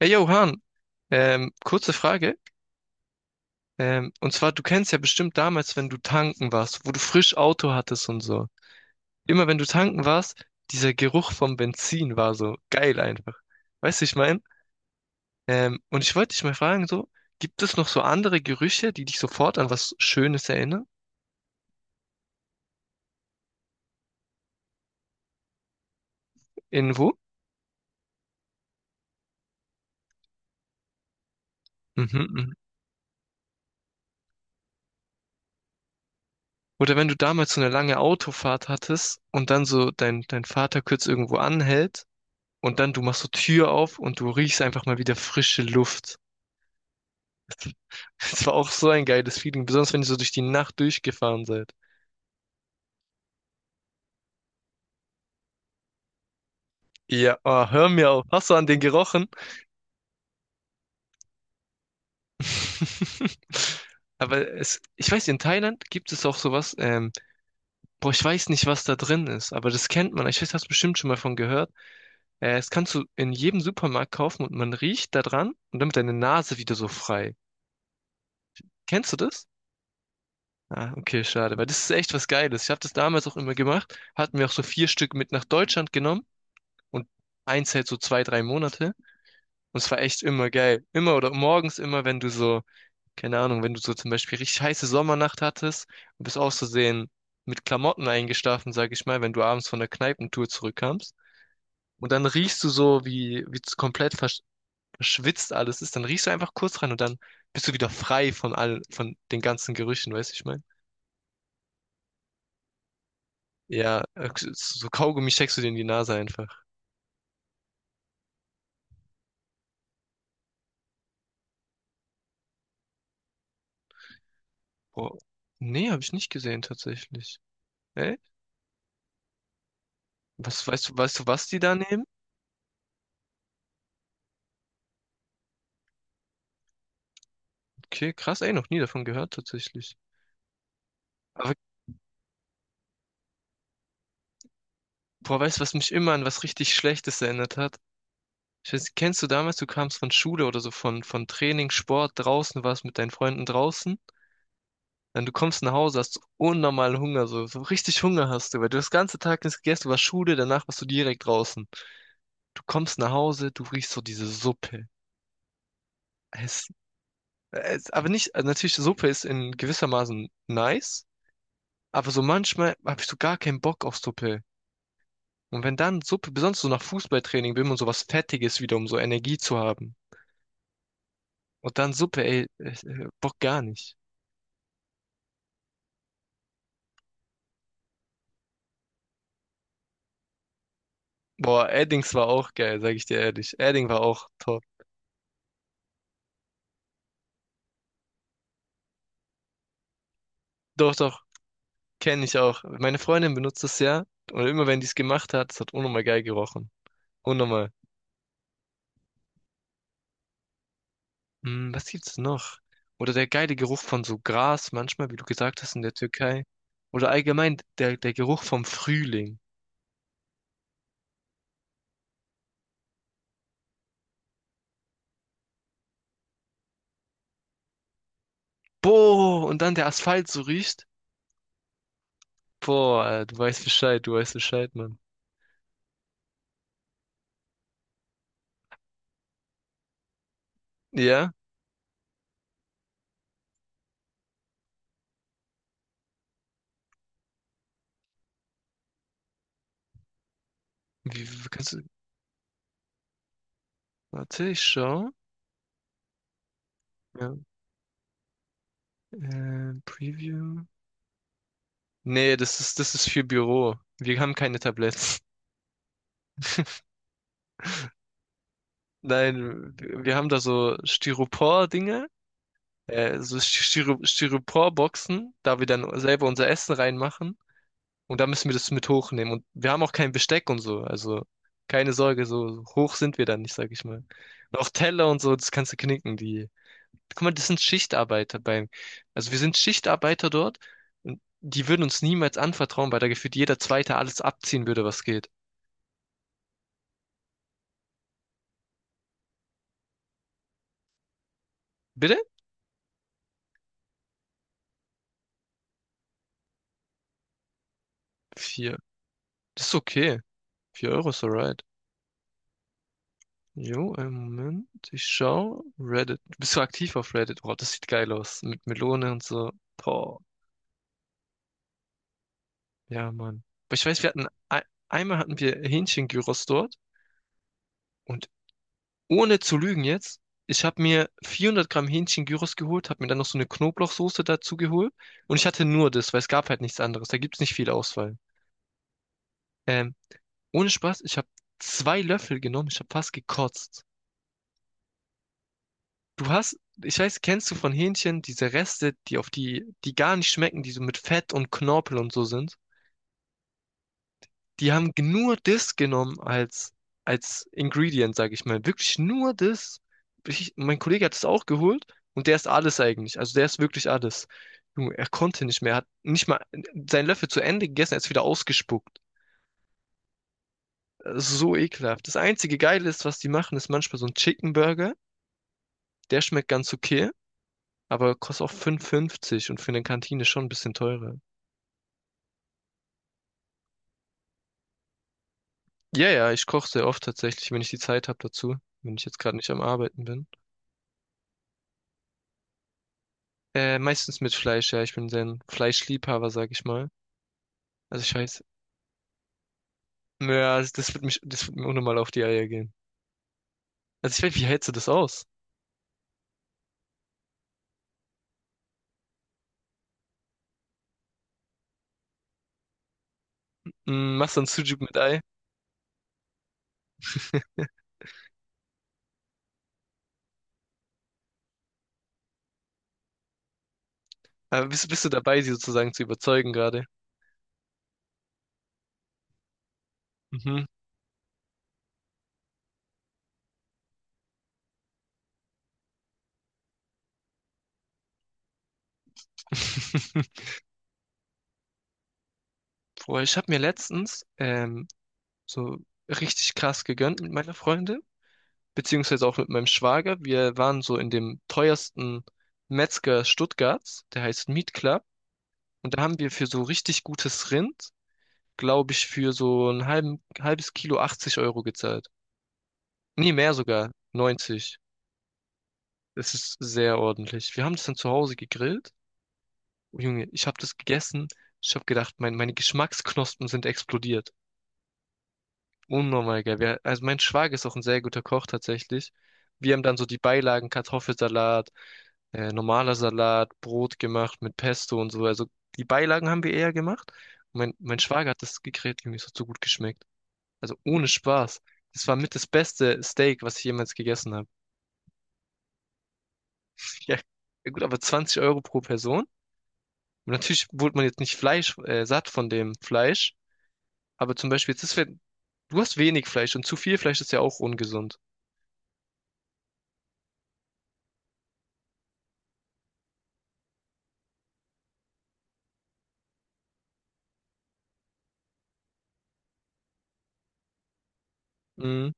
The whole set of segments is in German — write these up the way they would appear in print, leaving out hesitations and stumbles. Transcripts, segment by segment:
Hey Johann, kurze Frage. Und zwar, du kennst ja bestimmt damals, wenn du tanken warst, wo du frisch Auto hattest und so. Immer wenn du tanken warst, dieser Geruch vom Benzin war so geil einfach. Weißt du, ich mein? Und ich wollte dich mal fragen, so, gibt es noch so andere Gerüche, die dich sofort an was Schönes erinnern? Irgendwo? Mhm, mhm. Oder wenn du damals so eine lange Autofahrt hattest und dann so dein Vater kurz irgendwo anhält und dann du machst so Tür auf und du riechst einfach mal wieder frische Luft. Es war auch so ein geiles Feeling, besonders wenn ihr so durch die Nacht durchgefahren seid. Ja, oh, hör mir auf. Hast du an den gerochen? Aber es, ich weiß, in Thailand gibt es auch sowas, boah, ich weiß nicht, was da drin ist, aber das kennt man. Ich weiß, hast du bestimmt schon mal von gehört. Das kannst du in jedem Supermarkt kaufen und man riecht da dran und damit deine Nase wieder so frei. Kennst du das? Ah, okay, schade, weil das ist echt was Geiles. Ich habe das damals auch immer gemacht, hatten wir auch so vier Stück mit nach Deutschland genommen und eins hält so zwei, drei Monate. Und es war echt immer geil. Immer oder morgens immer, wenn du so, keine Ahnung, wenn du so zum Beispiel richtig heiße Sommernacht hattest und bist auszusehen mit Klamotten eingeschlafen, sag ich mal, wenn du abends von der Kneipentour zurückkamst. Und dann riechst du so, wie es komplett verschwitzt alles ist. Dann riechst du einfach kurz rein und dann bist du wieder frei von den ganzen Gerüchen, weißt du, ich meine? Ja, so Kaugummi steckst du dir in die Nase einfach. Boah. Nee, habe ich nicht gesehen tatsächlich. Echt? Weißt du, was die da nehmen? Okay, krass, ey, noch nie davon gehört tatsächlich. Aber boah, weißt du, was mich immer an was richtig Schlechtes erinnert hat? Ich weiß, kennst du damals, du kamst von Schule oder so, von Training, Sport, draußen warst mit deinen Freunden draußen, dann du kommst nach Hause, hast unnormalen Hunger, so, so richtig Hunger hast du, weil du das ganze Tag nichts gegessen, du warst Schule, danach warst du direkt draußen. Du kommst nach Hause, du riechst so diese Suppe. Es, es, aber nicht, also natürlich, Suppe ist in gewissermaßen nice, aber so manchmal habe ich so gar keinen Bock auf Suppe. Und wenn dann Suppe, besonders so nach Fußballtraining will man sowas Fettiges wieder, um so Energie zu haben. Und dann Suppe, ey, Bock gar nicht. Boah, Eddings war auch geil, sag ich dir ehrlich. Edding war auch top. Doch, doch, kenne ich auch. Meine Freundin benutzt es ja. Und immer wenn die es gemacht hat, es hat unnormal geil gerochen. Unnormal. Hm, was gibt's noch? Oder der geile Geruch von so Gras, manchmal, wie du gesagt hast, in der Türkei. Oder allgemein der Geruch vom Frühling. Boah, und dann der Asphalt so riecht. Boah, du weißt Bescheid, Mann. Ja? Wie kannst du. Warte, ich schau. Ja. Preview. Nee, das ist für Büro. Wir haben keine Tabletts. Nein, wir haben da so Styropor-Dinge, so Styropor-Boxen, da wir dann selber unser Essen reinmachen. Und da müssen wir das mit hochnehmen. Und wir haben auch kein Besteck und so. Also keine Sorge, so hoch sind wir dann nicht, sag ich mal. Und auch Teller und so, das kannst du knicken. Die Guck mal, das sind Schichtarbeiter beim, also wir sind Schichtarbeiter dort und die würden uns niemals anvertrauen, weil da gefühlt jeder Zweite alles abziehen würde, was geht. Bitte? Vier. Das ist okay. 4 € ist alright. Jo, einen Moment. Ich schau. Reddit. Bist du aktiv auf Reddit? Boah, das sieht geil aus. Mit Melone und so. Boah. Ja, Mann. Aber ich weiß, wir hatten, einmal hatten wir Hähnchen-Gyros dort und ohne zu lügen jetzt, ich habe mir 400 Gramm Hähnchen-Gyros geholt, habe mir dann noch so eine Knoblauchsoße dazu geholt und ich hatte nur das, weil es gab halt nichts anderes. Da gibt's nicht viel Auswahl. Ähm, ohne Spaß, ich habe zwei Löffel genommen, ich habe fast gekotzt. Du hast, ich weiß, kennst du von Hähnchen diese Reste, die auf die, die gar nicht schmecken, die so mit Fett und Knorpel und so sind? Die haben nur das genommen als, Ingredient, sag ich mal. Wirklich nur das. Mein Kollege hat es auch geholt und der ist alles eigentlich. Also der ist wirklich alles. Junge, er konnte nicht mehr. Er hat nicht mal seinen Löffel zu Ende gegessen, er ist wieder ausgespuckt. Das ist so ekelhaft. Das einzige Geile ist, was die machen, ist manchmal so ein Chicken Burger. Der schmeckt ganz okay, aber kostet auch 5,50 und für eine Kantine schon ein bisschen teurer. Ja, ja, ich koche sehr oft tatsächlich, wenn ich die Zeit habe dazu, wenn ich jetzt gerade nicht am Arbeiten bin. Meistens mit Fleisch, ja. Ich bin sehr ein Fleischliebhaber, sag ich mal. Also ich weiß, ja, also das wird mich, das wird mir unnormal auf die Eier gehen. Also ich weiß, wie hältst du das aus? Hm, machst du ein Sujuk mit Ei? Aber bist du dabei, sie sozusagen zu überzeugen gerade? Mhm. Boah, ich habe mir letztens so richtig krass gegönnt mit meiner Freundin, beziehungsweise auch mit meinem Schwager. Wir waren so in dem teuersten Metzger Stuttgarts, der heißt Meat Club. Und da haben wir für so richtig gutes Rind glaube ich, für so ein halbes Kilo 80 € gezahlt. Nee, mehr sogar. 90. Es ist sehr ordentlich. Wir haben das dann zu Hause gegrillt. Oh Junge, ich habe das gegessen. Ich habe gedacht, meine Geschmacksknospen sind explodiert. Unnormal geil. Wir, also mein Schwager ist auch ein sehr guter Koch tatsächlich. Wir haben dann so die Beilagen, Kartoffelsalat, normaler Salat, Brot gemacht mit Pesto und so. Also die Beilagen haben wir eher gemacht. Mein Schwager hat das gegrillt, Junge, es hat so gut geschmeckt. Also ohne Spaß. Das war mit das beste Steak, was ich jemals gegessen habe. Ja, ja gut, aber 20 € pro Person. Und natürlich wurde man jetzt nicht satt von dem Fleisch. Aber zum Beispiel, jetzt ist, du hast wenig Fleisch und zu viel Fleisch ist ja auch ungesund. Mhm.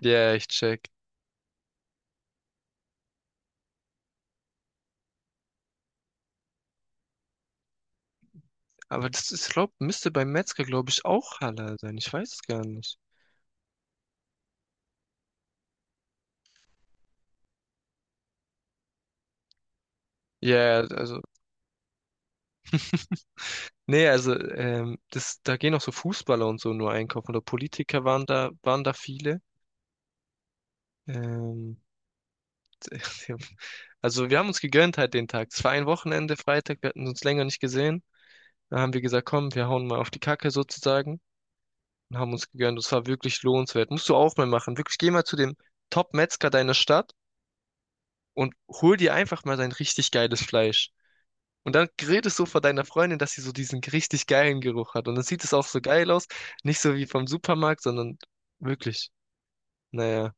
Ja, ich check. Aber das ist, glaub, müsste beim Metzger, glaube ich, auch Halal sein. Ich weiß es gar nicht. Ja, also, nee, also, da gehen auch so Fußballer und so nur einkaufen. Oder Politiker waren da viele. Ähm, Also wir haben uns gegönnt halt den Tag. Es war ein Wochenende, Freitag, wir hatten uns länger nicht gesehen. Da haben wir gesagt, komm, wir hauen mal auf die Kacke sozusagen und haben uns gegönnt. Es war wirklich lohnenswert. Musst du auch mal machen. Wirklich, geh mal zu dem Top-Metzger deiner Stadt und hol dir einfach mal sein richtig geiles Fleisch. Und dann redest du vor deiner Freundin, dass sie so diesen richtig geilen Geruch hat. Und dann sieht es auch so geil aus. Nicht so wie vom Supermarkt, sondern wirklich. Naja,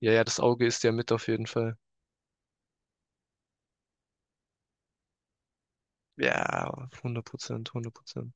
ja, ja, das Auge ist ja mit auf jeden Fall. Ja, 100%, 100%.